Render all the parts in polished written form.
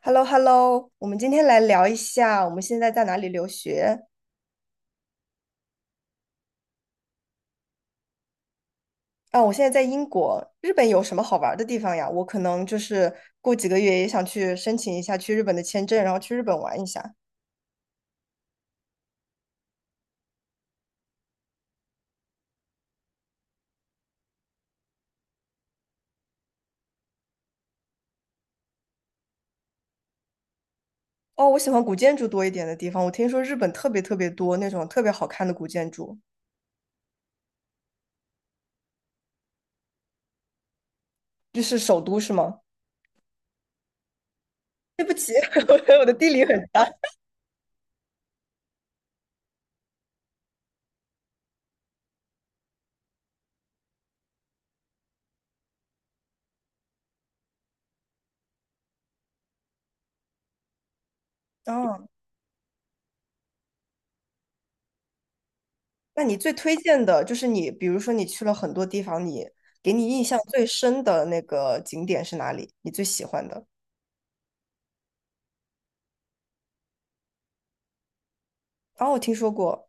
h e l l o h e l l o 我们今天来聊一下我们现在在哪里留学。啊？我现在在英国，日本有什么好玩的地方呀？我可能就是过几个月也想去申请一下去日本的签证，然后去日本玩一下。哦，我喜欢古建筑多一点的地方，我听说日本特别特别多那种特别好看的古建筑，就是首都是吗？对不起，我的地理很差。嗯，那你最推荐的就是你，比如说你去了很多地方，你给你印象最深的那个景点是哪里？你最喜欢的？哦，我听说过，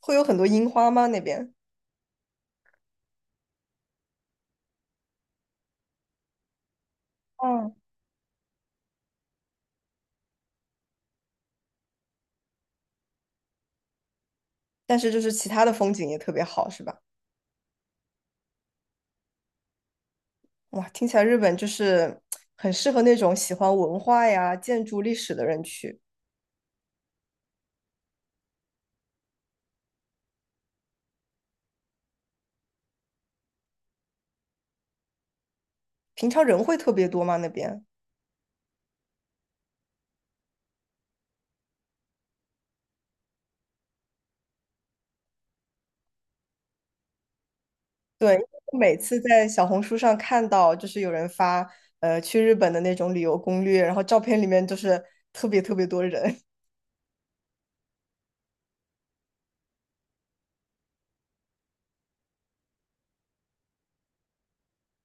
会有很多樱花吗？那边？嗯，但是就是其他的风景也特别好，是吧？哇，听起来日本就是很适合那种喜欢文化呀、建筑历史的人去。平常人会特别多吗？那边？对，因为我每次在小红书上看到，就是有人发去日本的那种旅游攻略，然后照片里面就是特别特别多人。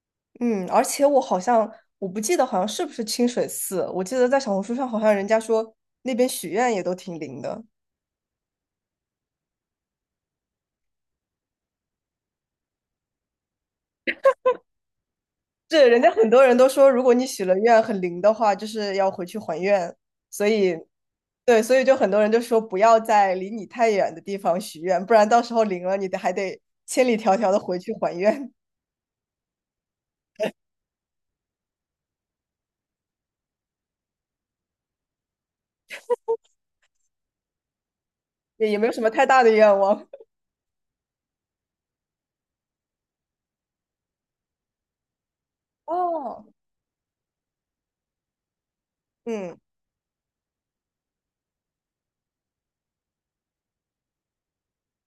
嗯，而且我不记得好像是不是清水寺，我记得在小红书上好像人家说那边许愿也都挺灵的。是人家很多人都说，如果你许了愿很灵的话，就是要回去还愿。所以，对，所以就很多人就说不要在离你太远的地方许愿，不然到时候灵了，你得还得千里迢迢的回去还愿，也没有什么太大的愿望。哦，嗯，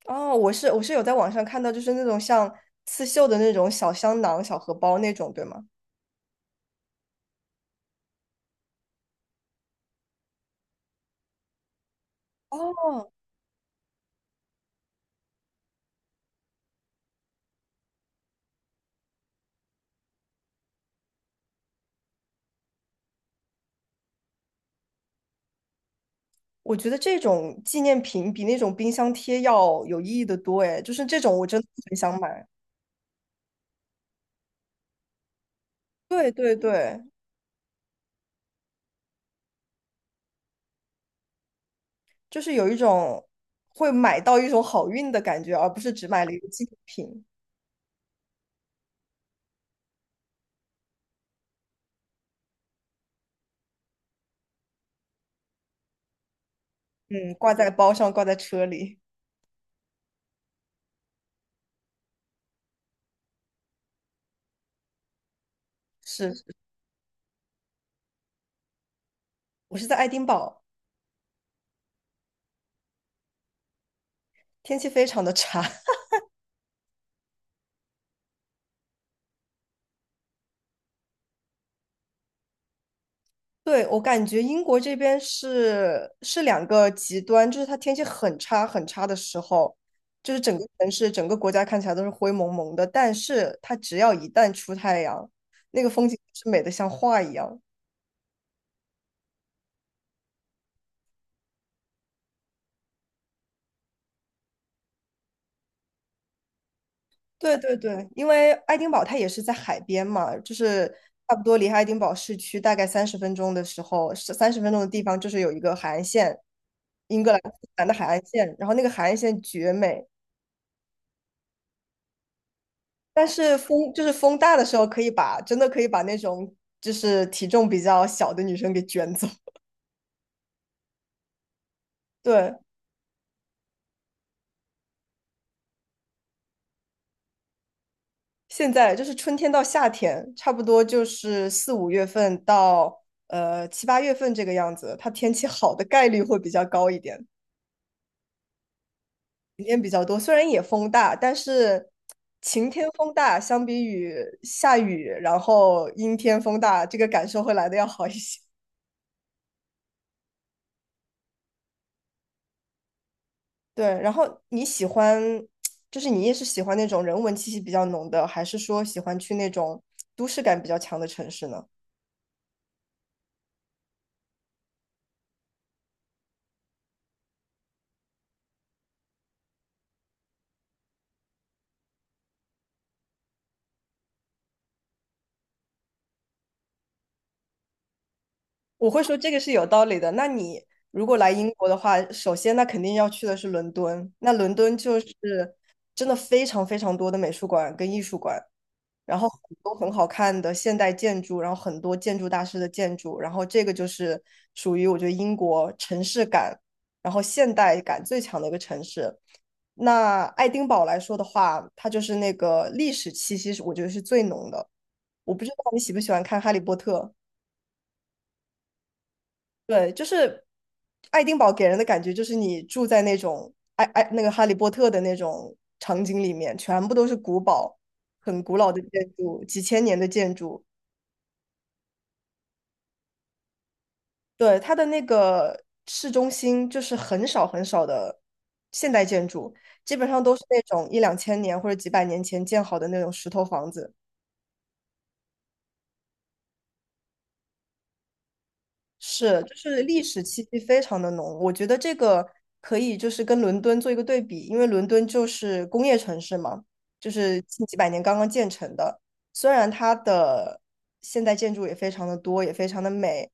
哦，我是有在网上看到，就是那种像刺绣的那种小香囊、小荷包那种，对吗？哦，我觉得这种纪念品比那种冰箱贴要有意义的多，哎，就是这种我真的很想买。对对对，就是有一种会买到一种好运的感觉，而不是只买了一个纪念品。嗯，挂在包上，挂在车里。是，是我是在爱丁堡，天气非常的差。对，我感觉英国这边是两个极端，就是它天气很差很差的时候，就是整个城市、整个国家看起来都是灰蒙蒙的，但是它只要一旦出太阳，那个风景是美的像画一样。对对对，因为爱丁堡它也是在海边嘛，就是差不多离爱丁堡市区大概三十分钟的地方就是有一个海岸线，英格兰苏格兰的海岸线，然后那个海岸线绝美，但是风就是风大的时候，可以把真的可以把那种就是体重比较小的女生给卷走。对，现在就是春天到夏天，差不多就是4、5月份到7、8月份这个样子，它天气好的概率会比较高一点。雨天比较多，虽然也风大，但是晴天风大相比于下雨，然后阴天风大，这个感受会来的要好一些。对，然后你喜欢，就是你也是喜欢那种人文气息比较浓的，还是说喜欢去那种都市感比较强的城市呢？我会说这个是有道理的。那你如果来英国的话，首先那肯定要去的是伦敦，那伦敦就是真的非常非常多的美术馆跟艺术馆。然后很多很好看的现代建筑，然后很多建筑大师的建筑，然后这个就是属于我觉得英国城市感，然后现代感最强的一个城市。那爱丁堡来说的话，它就是那个历史气息是我觉得是最浓的。我不知道你喜不喜欢看《哈利波特》，对，就是爱丁堡给人的感觉就是你住在那种那个《哈利波特》的那种场景里面，全部都是古堡，很古老的建筑，几千年的建筑。对，它的那个市中心就是很少很少的现代建筑，基本上都是那种一两千年或者几百年前建好的那种石头房子，是，就是历史气息非常的浓。我觉得这个可以就是跟伦敦做一个对比，因为伦敦就是工业城市嘛，就是近几百年刚刚建成的，虽然它的现代建筑也非常的多，也非常的美，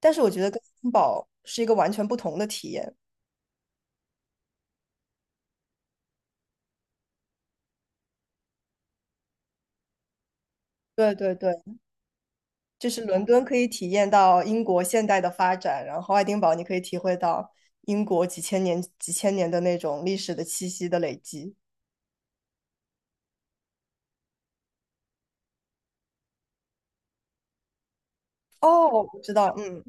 但是我觉得跟森堡是一个完全不同的体验。对对对。就是伦敦可以体验到英国现代的发展，然后爱丁堡你可以体会到英国几千年、几千年的那种历史的气息的累积。哦，我知道，嗯，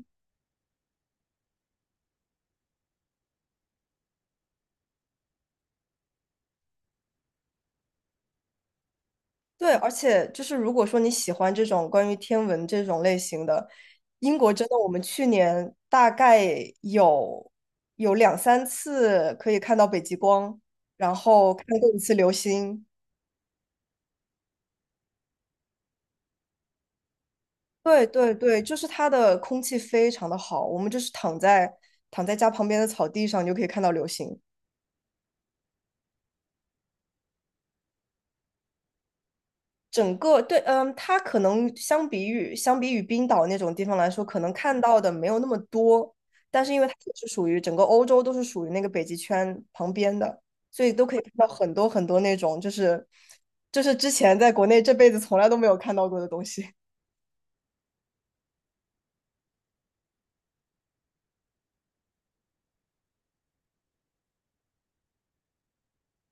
对，而且就是如果说你喜欢这种关于天文这种类型的，英国真的，我们去年大概有有两三次可以看到北极光，然后看过一次流星。对对对，就是它的空气非常的好，我们就是躺在家旁边的草地上，你就可以看到流星。整个对，嗯，它可能相比于冰岛那种地方来说，可能看到的没有那么多，但是因为它也是属于整个欧洲都是属于那个北极圈旁边的，所以都可以看到很多很多那种就是之前在国内这辈子从来都没有看到过的东西，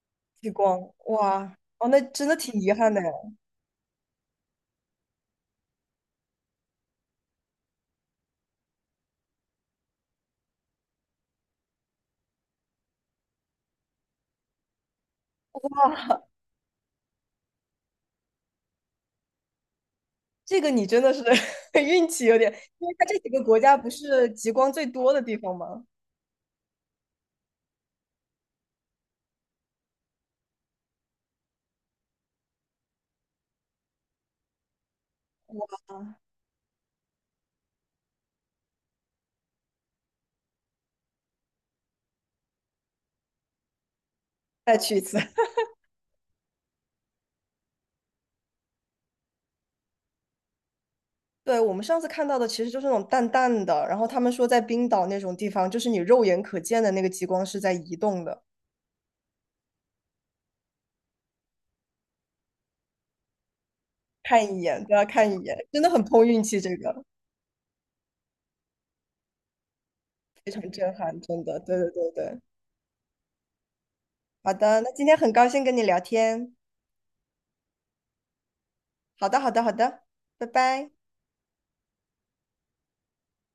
极光，哇，哦，那真的挺遗憾的哎哇。这个你真的是 运气有点，因为它这几个国家不是极光最多的地方吗？啊，再去一次。对，我们上次看到的其实就是那种淡淡的，然后他们说在冰岛那种地方，就是你肉眼可见的那个极光是在移动的，看一眼都要看一眼，真的很碰运气，这个非常震撼，真的。对对对对，好的，那今天很高兴跟你聊天。好的，好的，好的，拜拜。